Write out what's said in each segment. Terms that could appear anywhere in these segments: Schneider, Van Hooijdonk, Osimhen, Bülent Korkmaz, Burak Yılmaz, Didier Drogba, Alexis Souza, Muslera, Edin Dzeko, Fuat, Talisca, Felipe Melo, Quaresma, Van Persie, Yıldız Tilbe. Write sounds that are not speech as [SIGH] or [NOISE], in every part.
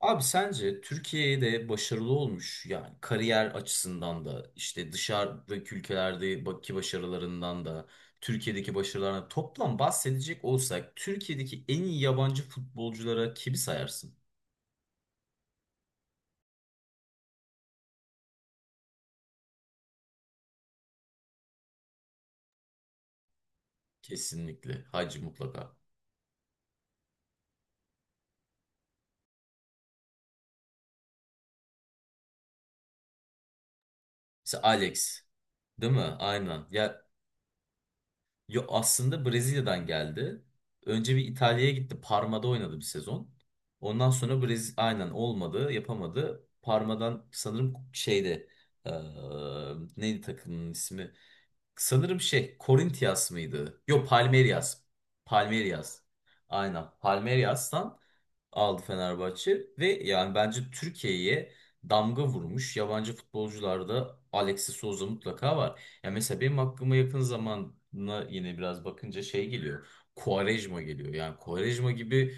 Abi sence Türkiye'de başarılı olmuş yani kariyer açısından da işte dışarıdaki ülkelerdeki başarılarından da Türkiye'deki başarılarına toplam bahsedecek olsak Türkiye'deki en iyi yabancı futbolculara kimi sayarsın? Kesinlikle. Hacı mutlaka. Mesela Alex. Değil mi? Aynen. Ya. Yo, aslında Brezilya'dan geldi. Önce bir İtalya'ya gitti. Parma'da oynadı bir sezon. Ondan sonra aynen olmadı, yapamadı. Parma'dan sanırım şeyde eee, neydi takımın ismi? Sanırım şey Corinthians mıydı? Yok Palmeiras. Palmeiras. Aynen. Palmeiras'tan aldı Fenerbahçe ve yani bence Türkiye'ye damga vurmuş yabancı futbolcularda Alexis Souza mutlaka var. Ya mesela benim aklıma yakın zamana yine biraz bakınca şey geliyor. Quaresma geliyor. Yani Quaresma gibi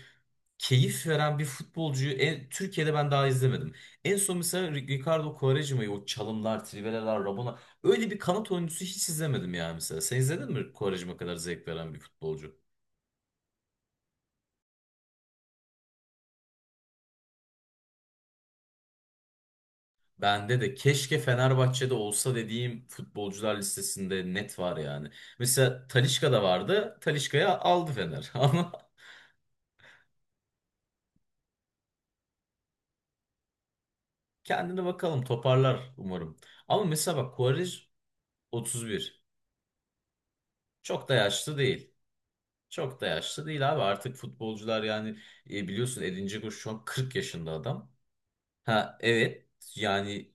keyif veren bir futbolcuyu Türkiye'de ben daha izlemedim. En son mesela Ricardo Quaresma'yı o çalımlar, triveler, Rabona öyle bir kanat oyuncusu hiç izlemedim yani mesela. Sen izledin mi Quaresma kadar zevk veren bir futbolcu? Bende de keşke Fenerbahçe'de olsa dediğim futbolcular listesinde net var yani. Mesela Talisca da vardı. Talisca'yı aldı Fener. [LAUGHS] Ama kendine bakalım toparlar umarım. Ama mesela bak Quaresma. 31. Çok da yaşlı değil. Çok da yaşlı değil abi. Artık futbolcular yani biliyorsun Edin Dzeko şu an 40 yaşında adam. Ha, evet yani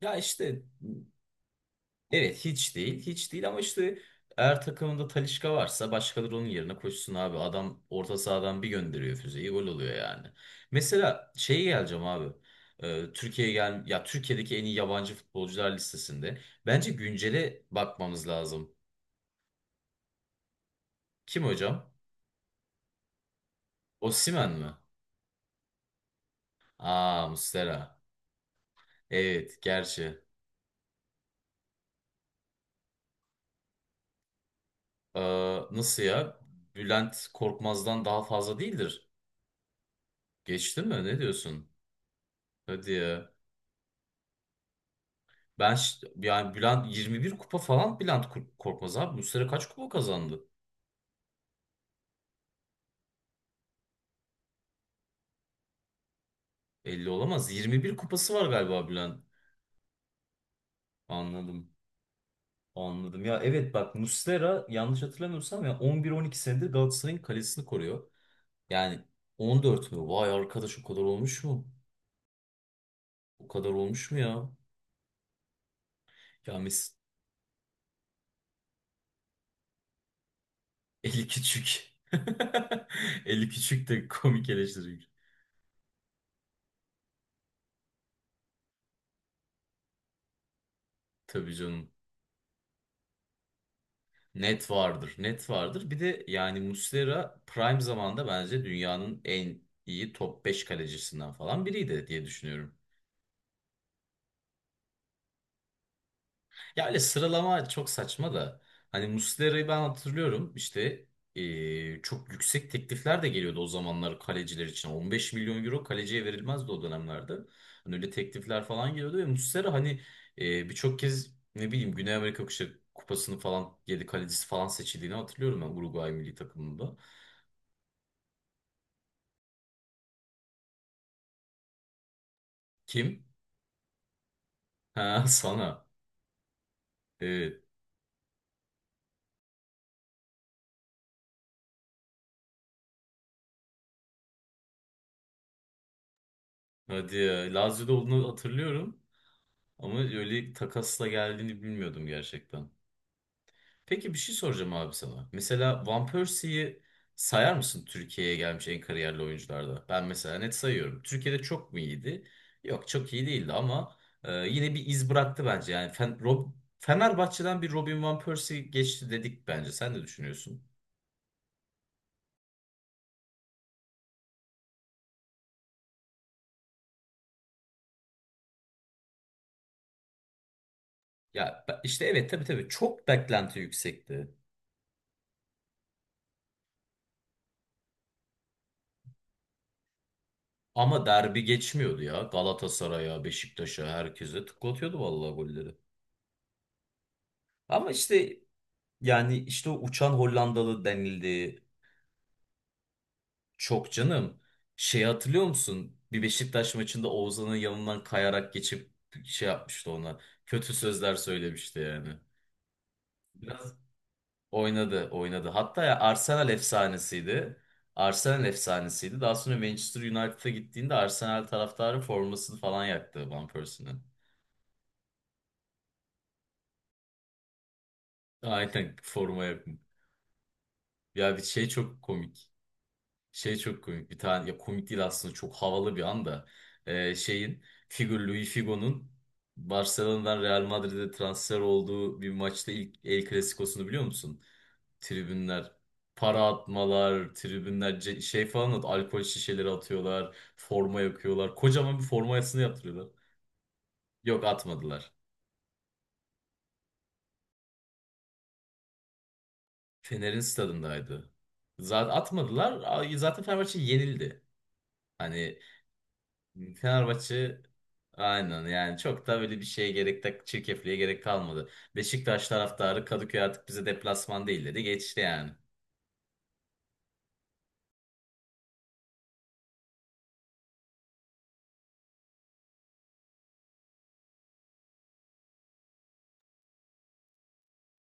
ya işte evet hiç değil. Hiç değil ama işte eğer takımında Talisca varsa başkaları onun yerine koşsun abi. Adam orta sahadan bir gönderiyor füzeyi gol oluyor yani. Mesela şeye geleceğim abi. Türkiye'ye gel ya Türkiye'deki en iyi yabancı futbolcular listesinde bence güncele bakmamız lazım. Kim hocam? Osimhen mi? Aa, Muslera. Evet gerçi. Ee, nasıl ya? Bülent Korkmaz'dan daha fazla değildir. Geçti mi? Ne diyorsun? Hadi ya. Ben yani Bülent 21 kupa falan Bülent Korkmaz abi. Bu sene kaç kupa kazandı? 50 olamaz. 21 kupası var galiba Bülent. Anladım. Anladım. Ya, evet bak Muslera yanlış hatırlamıyorsam ya 11-12 senedir Galatasaray'ın kalesini koruyor. Yani 14 mü? Vay arkadaş o kadar olmuş mu? O kadar olmuş mu ya? Ya 50 küçük. [LAUGHS] 50 küçük de komik eleştiri. Tabii canım. Net vardır. Net vardır. Bir de yani Muslera prime zamanda bence dünyanın en iyi top 5 kalecisinden falan biriydi diye düşünüyorum. Ya öyle sıralama çok saçma da. Hani Muslera'yı ben hatırlıyorum işte çok yüksek teklifler de geliyordu o zamanlar kaleciler için. 15 milyon euro kaleciye verilmezdi o dönemlerde. Hani öyle teklifler falan geliyordu ve Muslera hani birçok kez ne bileyim Güney Amerika Kupası'nı falan yedi kalecisi falan seçildiğini hatırlıyorum ben Uruguay milli takımında. Kim? Ha, [LAUGHS] sana. Evet. Hadi ya. Lazio'da olduğunu hatırlıyorum. Ama öyle takasla geldiğini bilmiyordum gerçekten. Peki bir şey soracağım abi sana. Mesela Van Persie'yi sayar mısın Türkiye'ye gelmiş en kariyerli oyuncularda? Ben mesela net sayıyorum. Türkiye'de çok mu iyiydi? Yok çok iyi değildi ama yine bir iz bıraktı bence. Yani Fenerbahçe'den bir Robin Van Persie geçti dedik bence. Sen ne düşünüyorsun? Ya işte evet, tabii tabii çok beklenti yüksekti. Ama derbi geçmiyordu ya. Galatasaray'a, Beşiktaş'a, herkese tıklatıyordu vallahi golleri. Ama işte yani işte o uçan Hollandalı denildi. Çok canım. Şey hatırlıyor musun? Bir Beşiktaş maçında Oğuzhan'ın yanından kayarak geçip şey yapmıştı ona. Kötü sözler söylemişti yani. Biraz oynadı, oynadı. Hatta ya Arsenal efsanesiydi. Arsenal efsanesiydi. Daha sonra Manchester United'a gittiğinde Arsenal taraftarı formasını falan yaktı Van Persie'nin. Aynen formaya. Ya bir şey çok komik. Şey çok komik. Bir tane ya komik değil aslında çok havalı bir anda. Şeyin figür Luis Figo'nun Barcelona'dan Real Madrid'e transfer olduğu bir maçta ilk El Clasico'sunu biliyor musun? Tribünler para atmalar, tribünler şey falan alkol şişeleri atıyorlar, forma yakıyorlar. Kocaman bir formasını yaptırıyorlar. Yok atmadılar. Fener'in stadındaydı. Zaten atmadılar. Zaten Fenerbahçe yenildi. Hani Fenerbahçe aynen yani çok da böyle bir şeye gerek de çirkefliğe gerek kalmadı. Beşiktaş taraftarı Kadıköy artık bize deplasman değil dedi geçti yani.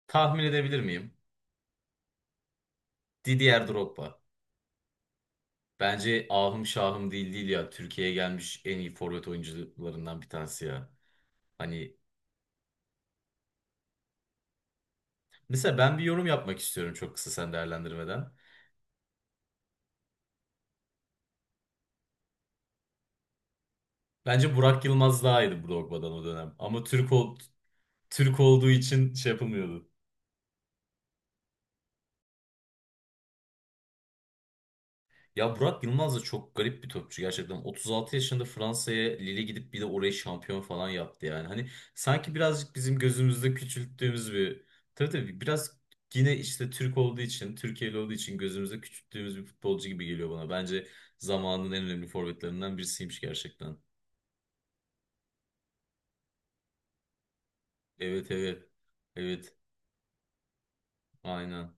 Tahmin edebilir miyim? Didier Drogba. Bence ahım şahım değil değil ya. Türkiye'ye gelmiş en iyi forvet oyuncularından bir tanesi ya. Hani mesela ben bir yorum yapmak istiyorum çok kısa sen değerlendirmeden. Bence Burak Yılmaz daha iyiydi Drogba'dan o dönem. Ama Türk olduğu için şey yapılmıyordu. Ya Burak Yılmaz da çok garip bir topçu gerçekten. 36 yaşında Fransa'ya Lille gidip bir de orayı şampiyon falan yaptı yani. Hani sanki birazcık bizim gözümüzde küçülttüğümüz bir... Tabii tabii biraz yine işte Türk olduğu için, Türkiye'li olduğu için gözümüzde küçülttüğümüz bir futbolcu gibi geliyor bana. Bence zamanın en önemli forvetlerinden birisiymiş gerçekten. Evet evet. Evet. Aynen.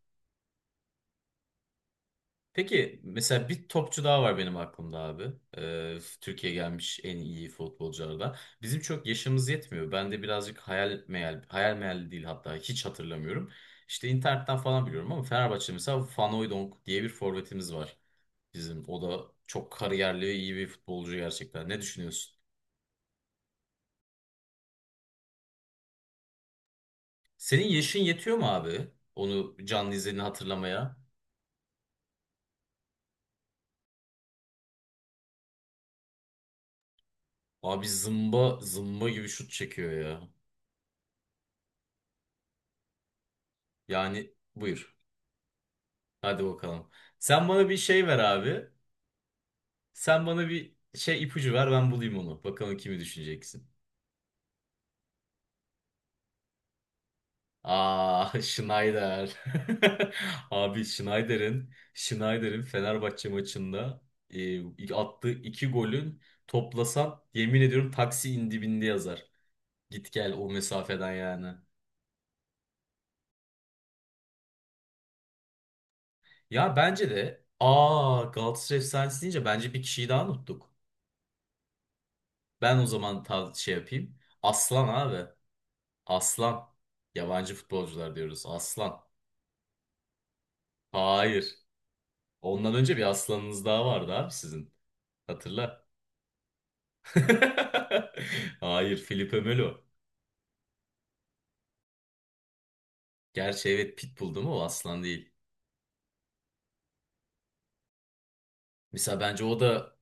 Peki mesela bir topçu daha var benim aklımda abi. Türkiye gelmiş en iyi futbolculardan. Bizim çok yaşımız yetmiyor. Ben de birazcık hayal meyal, hayal meyal değil hatta hiç hatırlamıyorum. İşte internetten falan biliyorum ama Fenerbahçe mesela Van Hooijdonk diye bir forvetimiz var bizim. O da çok kariyerli ve iyi bir futbolcu gerçekten. Ne düşünüyorsun? Senin yaşın yetiyor mu abi? Onu canlı izlediğini hatırlamaya. Abi zımba zımba gibi şut çekiyor ya. Yani buyur. Hadi bakalım. Sen bana bir şey ver abi. Sen bana bir şey ipucu ver ben bulayım onu. Bakalım kimi düşüneceksin. Aa, [LAUGHS] Schneider. [LAUGHS] Abi Schneider'in Fenerbahçe maçında attığı iki golün toplasan yemin ediyorum taksi dibinde yazar. Git gel o mesafeden yani. Ya bence de aa, Galatasaray efsanesi deyince bence bir kişiyi daha unuttuk. Ben o zaman şey yapayım. Aslan abi. Aslan. Yabancı futbolcular diyoruz. Aslan. Hayır. Ondan önce bir aslanınız daha vardı abi sizin. Hatırla. [LAUGHS] Hayır, Felipe Melo. Gerçi evet Pitbull değil mi o aslan değil. Mesela bence o da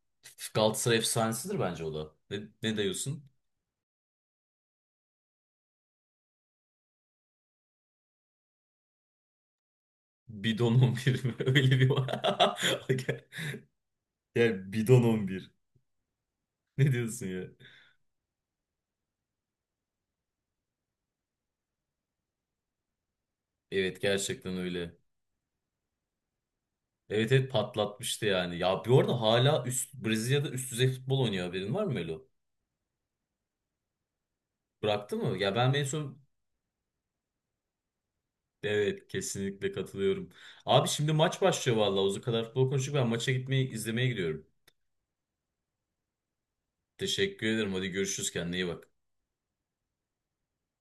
Galatasaray efsanesidir bence o da. Ne diyorsun? Bidon 11 mi? [LAUGHS] Öyle bir [LAUGHS] Yani bidon 11. Ne diyorsun ya? Evet gerçekten öyle. Evet evet patlatmıştı yani. Ya bir arada hala Brezilya'da üst düzey futbol oynuyor haberin var mı Melo? Bıraktı mı? Ya ben en son evet kesinlikle katılıyorum. Abi şimdi maç başlıyor vallahi. O kadar futbol konuştuk. Ben maça gitmeyi izlemeye gidiyorum. Teşekkür ederim. Hadi görüşürüz. Kendine iyi bak.